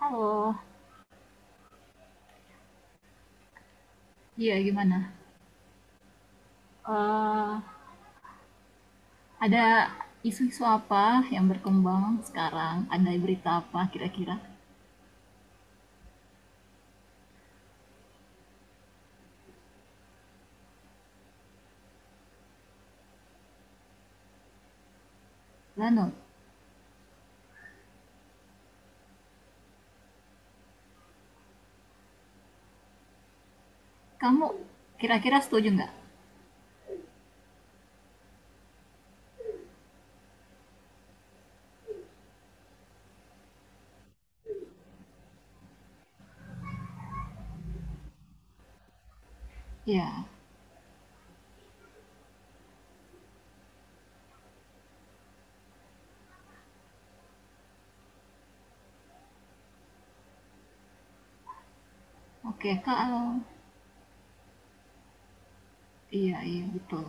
Halo, iya gimana? Eh, ada isu-isu apa yang berkembang sekarang? Ada berita apa kira-kira? Lano, kamu kira-kira setuju nggak? Iya, oke kalau iya iya betul.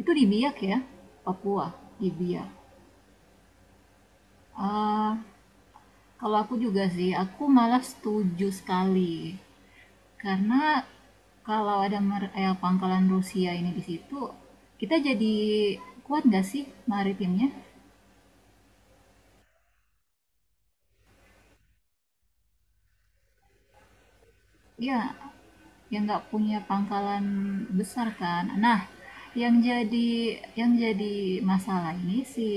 Itu di Biak ya, Papua di Biak. Eh, Kalau aku juga sih, aku malah setuju sekali karena kalau ada pangkalan Rusia ini di situ, kita jadi kuat nggak sih maritimnya? Ya, yang nggak punya pangkalan besar kan. Nah, yang jadi masalah ini si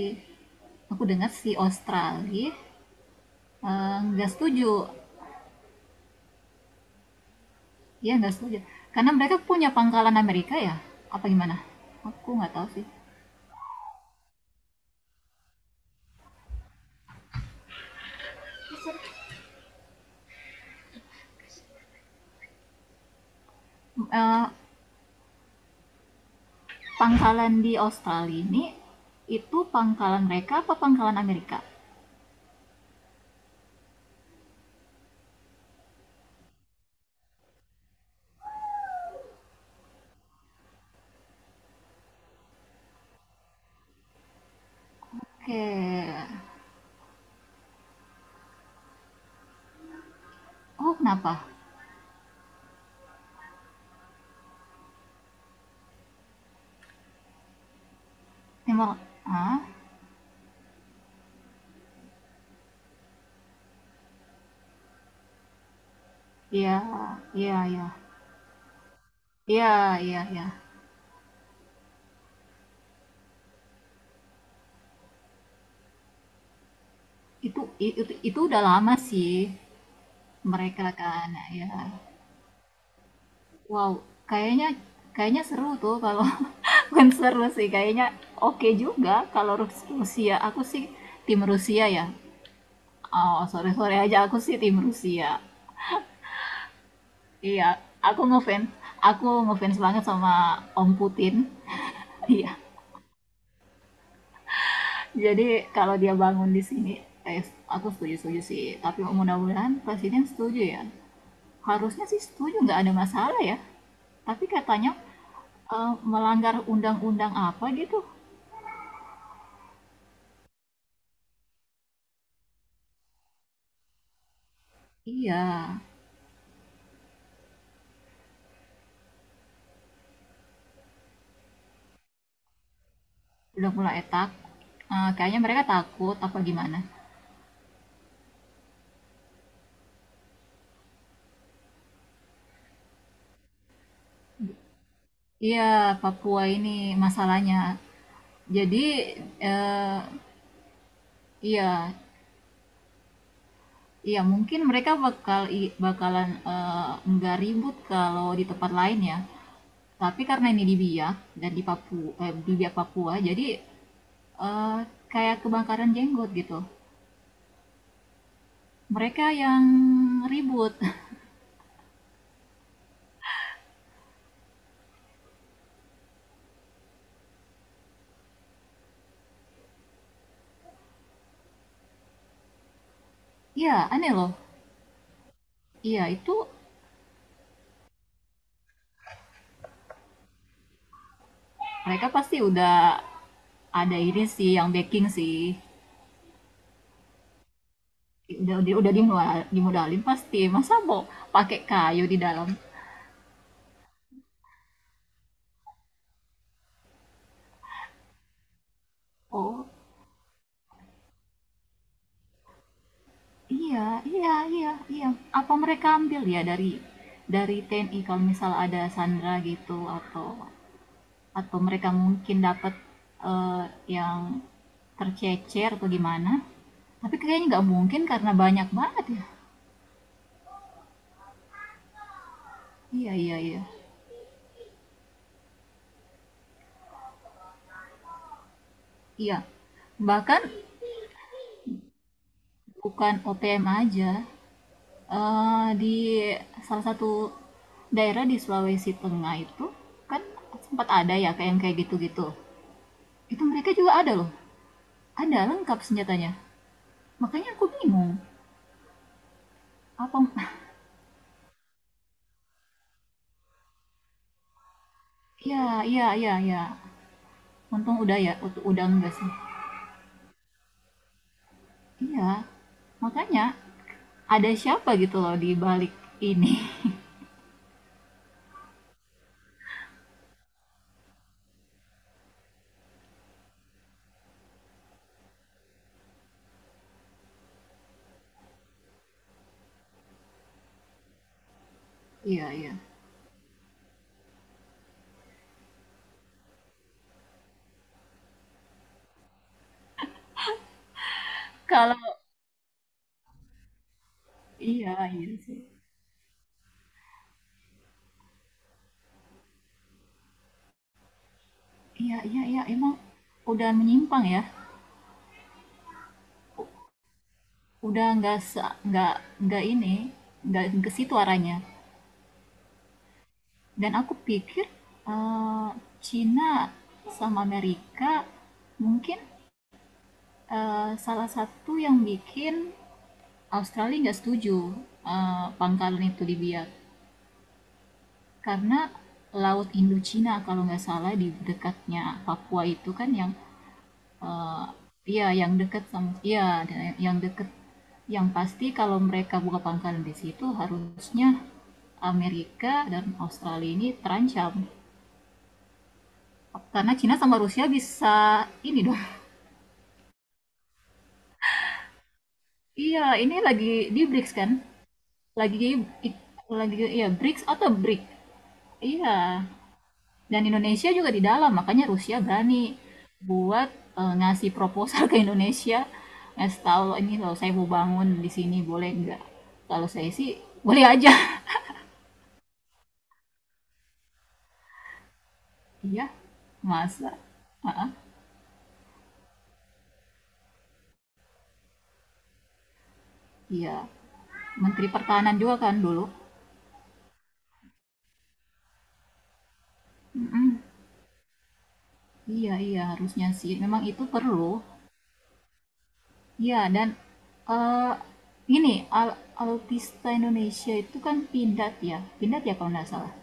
aku dengar si Australia nggak setuju, ya nggak setuju. Karena mereka punya pangkalan Amerika ya, apa gimana? Aku nggak tahu sih. Eh, Pangkalan di Australia ini itu pangkalan mereka apa pangkalan Amerika? Oke, oh kenapa? Timor, ah, ya, ya, ya, ya, ya, ya. Itu itu udah lama sih mereka kan ya. Wow, kayaknya kayaknya seru tuh kalau bukan seru sih kayaknya oke juga kalau Rusia. Aku sih tim Rusia ya. Oh, sore-sore aja aku sih tim Rusia. Iya, aku ngefans. Aku ngefans banget sama Om Putin. Iya. Jadi kalau dia bangun di sini, eh, aku setuju-setuju sih. Tapi mudah-mudahan presiden setuju ya. Harusnya sih setuju, nggak ada masalah ya. Tapi katanya melanggar undang-undang apa gitu. Iya, udah mulai tak. Kayaknya mereka takut apa gimana. Iya, Papua ini masalahnya. Jadi eh, iya, iya mungkin mereka bakal bakalan nggak ribut kalau di tempat lain ya. Tapi karena ini di Biak dan di Papua, eh, di Biak Papua, jadi eh, kayak kebakaran jenggot gitu. Mereka yang ribut. Iya, aneh loh. Iya, itu mereka pasti udah ada ini sih yang backing sih. Udah, dimodalin pasti. Masa mau pakai kayu di dalam? Oh, iya, iya, iya, iya. Apa mereka ambil ya dari TNI kalau misal ada Sandra gitu atau mereka mungkin dapat eh, yang tercecer atau gimana? Tapi kayaknya nggak mungkin karena banyak banget ya. Iya, iya, iya. Iya, bahkan bukan OPM aja. Di salah satu daerah di Sulawesi Tengah itu kan sempat ada ya kayak yang kayak gitu-gitu. Itu mereka juga ada loh. Ada lengkap senjatanya. Makanya aku bingung. Apa Iya, iya, iya, iya. Untung udah ya, udah enggak sih. Iya. Makanya ada siapa gitu loh di balik ini. Iya, iya. Kalau iya, iya sih. Iya, iya, iya, emang udah menyimpang ya. Udah nggak nggak nggak ini, nggak ke situ arahnya. Dan aku pikir eh, Cina sama Amerika mungkin salah satu yang bikin Australia nggak setuju pangkalan itu dibiak karena Laut Indochina kalau nggak salah di dekatnya Papua itu kan yang eh, iya yang dekat sama iya yang dekat yang pasti kalau mereka buka pangkalan di situ harusnya Amerika dan Australia ini terancam karena Cina sama Rusia bisa ini dong iya ini lagi di BRICS kan lagi lagi ya BRICS atau BRIC iya. Dan Indonesia juga di dalam, makanya Rusia berani buat ngasih proposal ke Indonesia, ngasih tahu "Loh, ini kalau saya mau bangun di sini boleh nggak? Kalau saya sih boleh aja. Iya, masa? Ah, ah, iya. Menteri Pertahanan juga kan dulu. Mm-mm. Iya iya harusnya sih, memang itu perlu. Iya dan eh ini al- autista Indonesia itu kan pindat ya kalau nggak salah.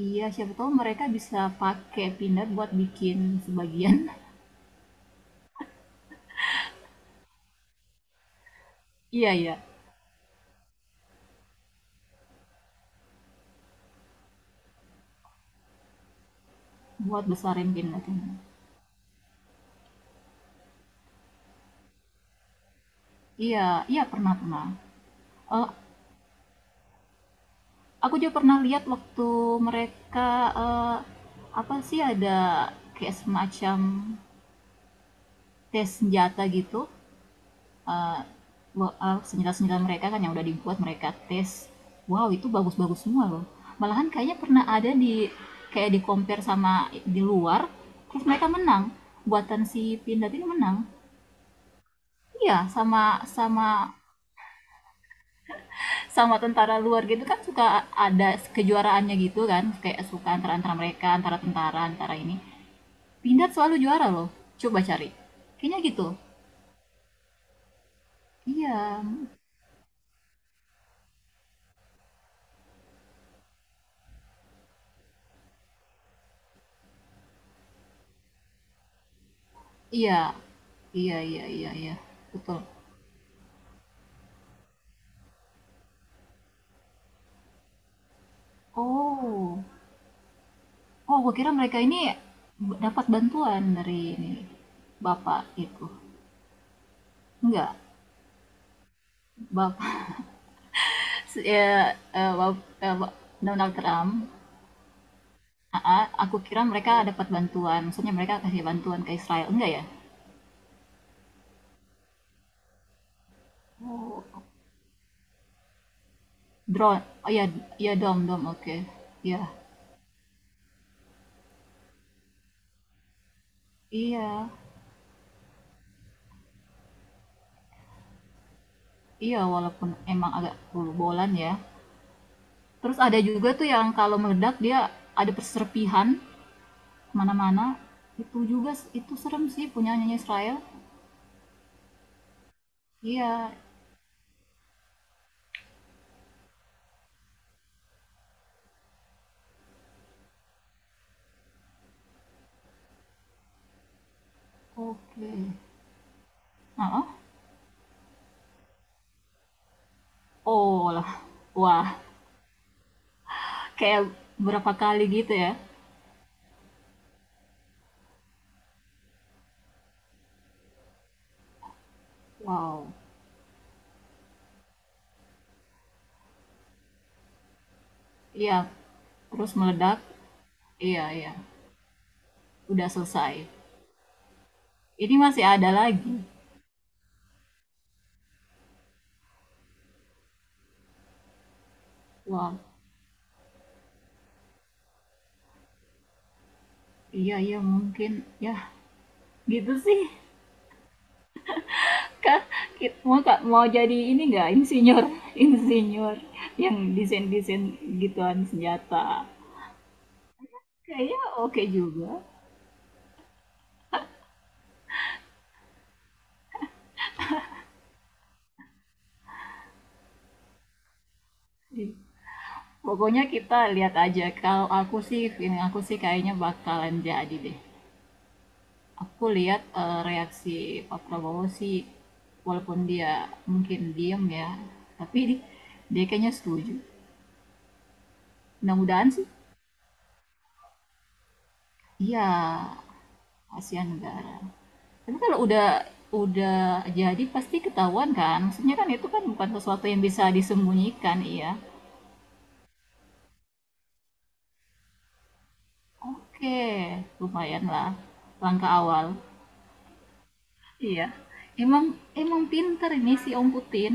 Iya, siapa tahu mereka bisa pakai peanut buat bikin sebagian. Iya, iya. Buat besarin peanutnya. Iya, iya pernah pernah. Eh, aku juga pernah lihat waktu mereka eh, apa sih ada kayak semacam tes senjata gitu. eh, senjata-senjata mereka kan yang udah dibuat mereka tes wow itu bagus-bagus semua loh malahan kayaknya pernah ada di kayak di compare sama di luar terus mereka menang buatan si Pindad ini menang iya sama sama sama tentara luar gitu kan suka ada kejuaraannya gitu kan kayak suka antara antara mereka antara tentara antara ini Pindad selalu juara loh coba cari kayaknya gitu iya iya iya iya iya iya betul. Oh. Oh, gua kira mereka ini dapat bantuan dari ini Bapak itu. Enggak. Bapak ya, eh, Bap- eh, Ba- Donald Trump. Aa, aku kira mereka dapat bantuan. Maksudnya mereka kasih bantuan ke Israel. Enggak ya? Oh, drone. Oh ya, iya dom dom. Oke. Ya iya. Iya, walaupun emang agak bolu-bolan ya. Terus ada juga tuh yang kalau meledak dia ada perserpihan kemana-mana itu juga itu serem sih punya nyanyi Israel iya oke. Ah, ah. Oh lah. Wah, kayak berapa kali gitu ya. Wow. Iya terus meledak iya iya udah selesai ini masih ada lagi wah iya iya mungkin ya gitu sih kak mau Kak, mau jadi ini nggak insinyur insinyur yang desain desain gituan senjata kayaknya oke okay juga. Pokoknya kita lihat aja. Kalau aku sih, ini aku sih kayaknya bakalan jadi deh. Aku lihat reaksi Pak Prabowo sih, walaupun dia mungkin diem ya, tapi dia kayaknya setuju. Mudah-mudahan sih. Iya, kasihan negara. Tapi kalau udah jadi pasti ketahuan kan? Maksudnya kan itu kan bukan sesuatu yang bisa disembunyikan, iya. Oke, lumayan lah langkah awal. Iya. Emang emang pinter ini si Om Putin.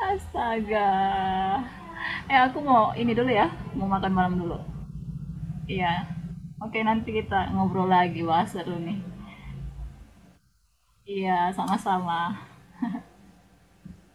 Astaga. Eh, aku mau ini dulu ya. Mau makan malam dulu. Iya. Oke, nanti kita ngobrol lagi. Wah, seru nih. Iya, sama-sama.